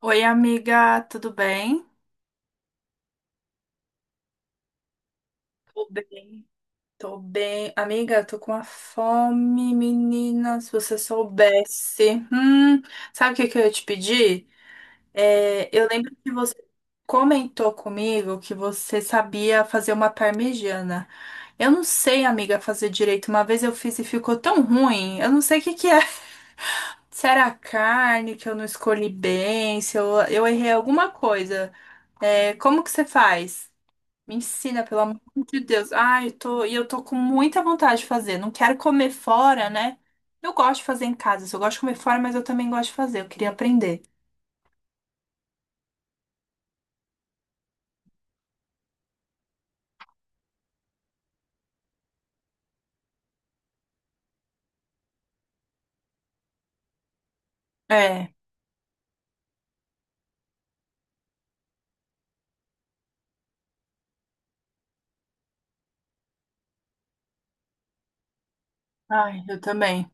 Oi, amiga, tudo bem? Tô bem. Tô bem. Amiga, tô com uma fome, menina. Se você soubesse. Sabe o que que eu ia te pedir? É, eu lembro que você comentou comigo que você sabia fazer uma parmegiana. Eu não sei, amiga, fazer direito. Uma vez eu fiz e ficou tão ruim. Eu não sei o que que é. Se era a carne que eu não escolhi bem, se eu errei alguma coisa. É, como que você faz? Me ensina, pelo amor de Deus. Ai, eu tô, e eu tô com muita vontade de fazer. Não quero comer fora, né? Eu gosto de fazer em casa. Eu gosto de comer fora, mas eu também gosto de fazer. Eu queria aprender. É. Ai, eu também.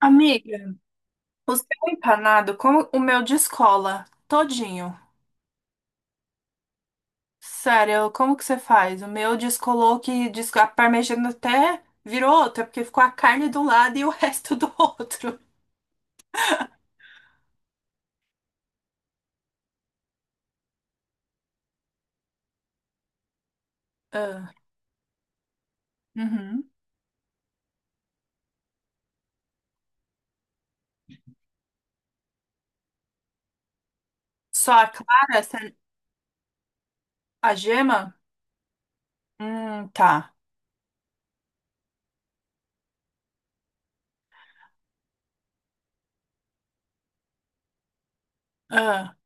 Amiga, o seu empanado, como o meu descola todinho. Sério, como que você faz? O meu descolou que a parmegiana até virou outra, porque ficou a carne do lado e o resto do outro. Ah, uhum. Só a clara, a gema? Tá. Ah.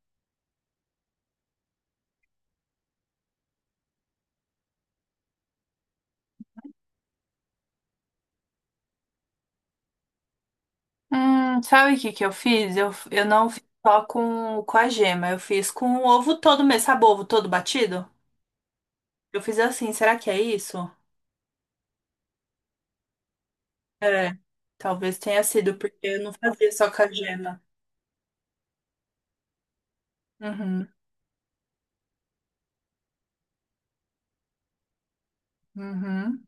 Sabe o que que eu fiz? Eu não fiz só com a gema, eu fiz com o ovo todo mesmo, sabe o ovo todo batido? Eu fiz assim, será que é isso? É, talvez tenha sido, porque eu não fazia só com a gema. Uhum, uhum,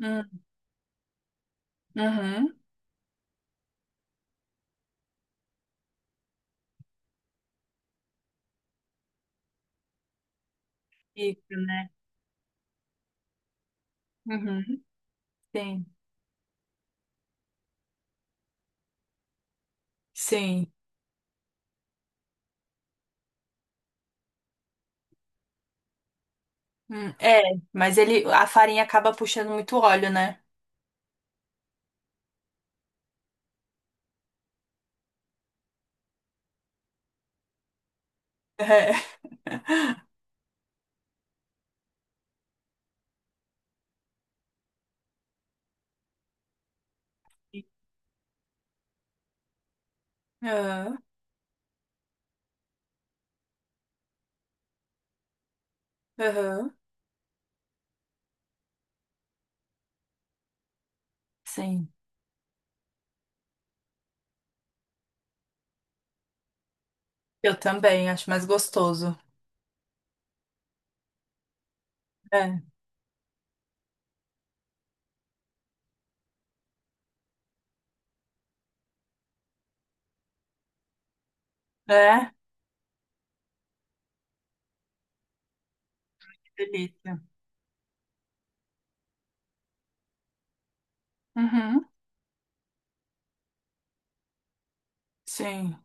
uhum, uhum. Isso, né? Uhum, sim, sim. É, mas ele, a farinha acaba puxando muito óleo, né? É. Aham, aham. Sim, eu também, acho mais gostoso. É, é, que delícia. Uhum. Sim.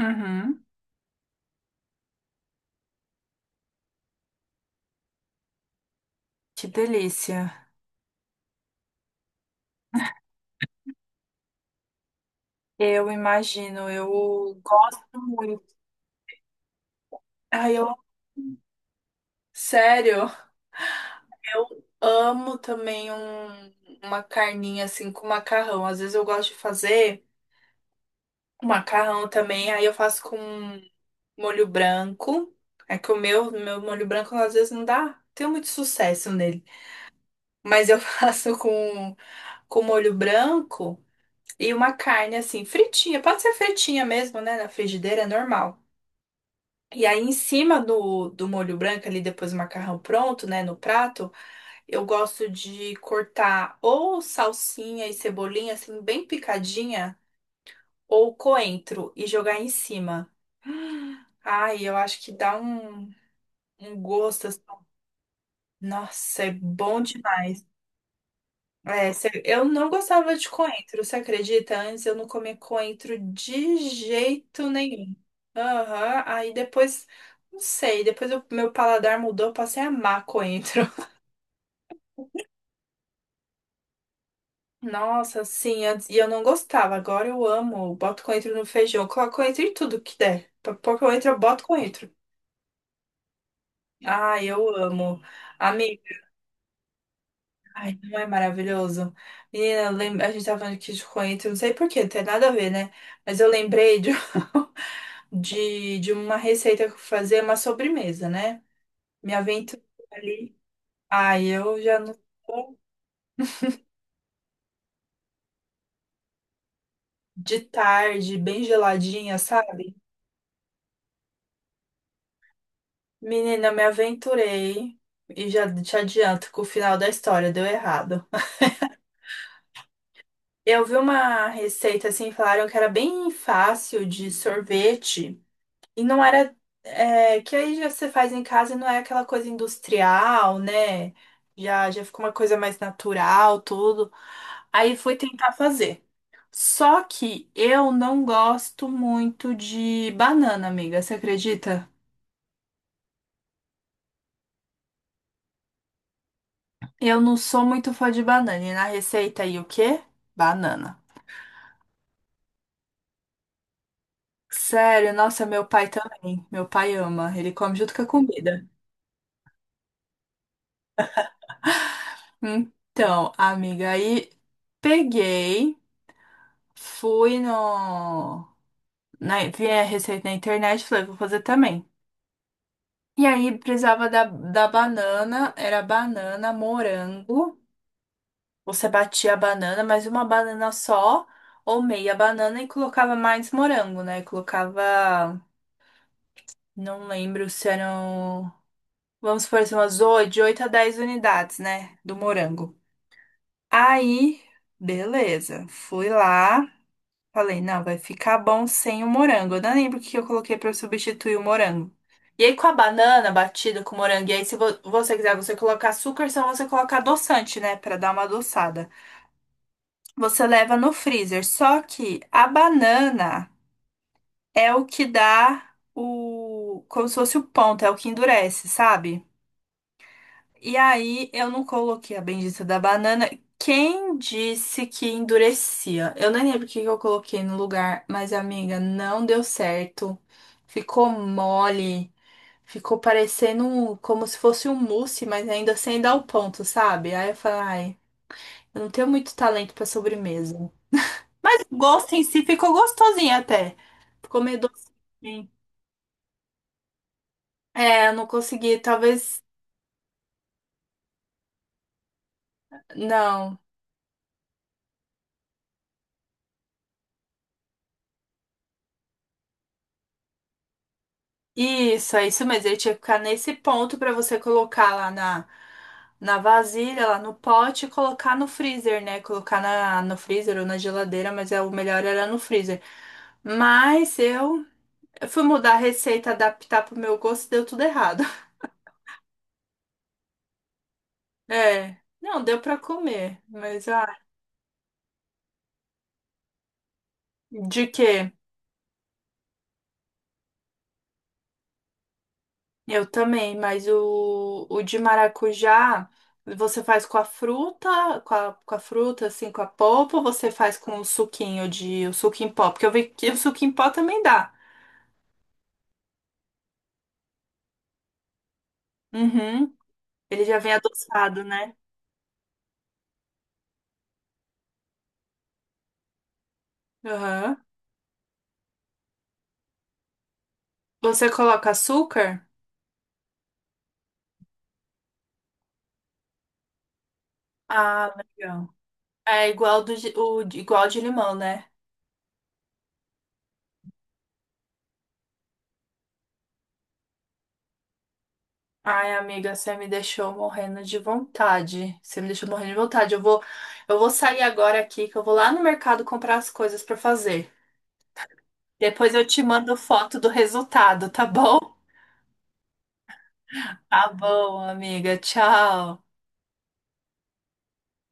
Uhum. Que delícia. Eu imagino, eu gosto muito. Ai, sério, eu amo também uma carninha assim com macarrão. Às vezes eu gosto de fazer um macarrão também, aí eu faço com molho branco. É que o meu molho branco às vezes não dá, tenho muito sucesso nele. Mas eu faço com molho branco e uma carne assim, fritinha. Pode ser fritinha mesmo, né? Na frigideira, é normal. E aí, em cima do molho branco, ali depois do macarrão pronto, né, no prato, eu gosto de cortar ou salsinha e cebolinha, assim, bem picadinha, ou coentro e jogar em cima. Hum, Ai, eu acho que dá um gosto assim. Nossa, é bom demais. É, eu não gostava de coentro, você acredita? Antes eu não comia coentro de jeito nenhum. Aham. Aí depois, não sei, depois o meu paladar mudou, eu passei a amar coentro. Nossa, sim, antes, e eu não gostava, agora eu amo. Eu boto coentro no feijão, eu coloco coentro em tudo que der. Pra pôr coentro, eu boto coentro. Ai, eu amo. Amiga, ai, não é maravilhoso? Menina, a gente tava falando aqui de coentro, não sei por quê, não tem nada a ver, né? Mas eu lembrei de, de uma receita que eu fazia, uma sobremesa, né? Me aventurei ali. Ai, eu já não. De tarde, bem geladinha, sabe? Menina, eu me aventurei e já te adianto que o final da história deu errado. Eu vi uma receita assim, falaram que era bem fácil de sorvete e não era. É, que aí já você faz em casa e não é aquela coisa industrial, né? Já ficou uma coisa mais natural, tudo. Aí fui tentar fazer. Só que eu não gosto muito de banana, amiga, você acredita? Eu não sou muito fã de banana. E na receita aí o quê? Banana. Sério, nossa, meu pai também. Meu pai ama. Ele come junto com a comida. Então, amiga, aí peguei, fui no. Na, vi a receita na internet, falei, vou fazer também. E aí precisava da banana, era banana, morango. Você batia a banana, mas uma banana só, ou meia banana, e colocava mais morango, né? Colocava. Não lembro se eram. Vamos supor assim, umas 8, de 8 a 10 unidades, né? Do morango. Aí, beleza. Fui lá, falei, não, vai ficar bom sem o morango. Eu não lembro o que eu coloquei pra substituir o morango. E aí, com a banana batida com o morango, e aí, se você quiser, você coloca açúcar, senão você coloca adoçante, né? Pra dar uma adoçada. Você leva no freezer. Só que a banana é o que dá o. Como se fosse o ponto, é o que endurece, sabe? E aí eu não coloquei a bendita da banana. Quem disse que endurecia? Eu nem lembro o que que eu coloquei no lugar, mas amiga, não deu certo. Ficou mole, ficou parecendo como se fosse um mousse, mas ainda sem dar o ponto, sabe? Aí eu falei, ai, eu não tenho muito talento pra sobremesa. Gosto em si ficou gostosinho até. Ficou meio docinho. É, eu não consegui, talvez. Não. Isso, é isso mesmo. Ele tinha que ficar nesse ponto pra você colocar lá na, na vasilha, lá no pote e colocar no freezer, né? Colocar no freezer ou na geladeira, mas é, o melhor era no freezer. Mas eu fui mudar a receita, adaptar pro meu gosto e deu tudo errado. É, não, deu pra comer, mas ah, de quê? Eu também, mas o de maracujá você faz com a fruta, com a fruta, assim, com a polpa, ou você faz com o suquinho de, o suco em pó? Porque eu vi que o suco em pó também dá. Uhum. Ele já vem adoçado, né? Aham. Você coloca açúcar? Ah, legal. É igual do, de- o, de- igual de limão, né? Ai, amiga, você me deixou morrendo de vontade. Você me deixou morrendo de vontade. Eu vou sair agora aqui, que eu vou lá no mercado comprar as coisas pra fazer. Depois eu te mando foto do resultado, tá bom? Tá bom, amiga. Tchau.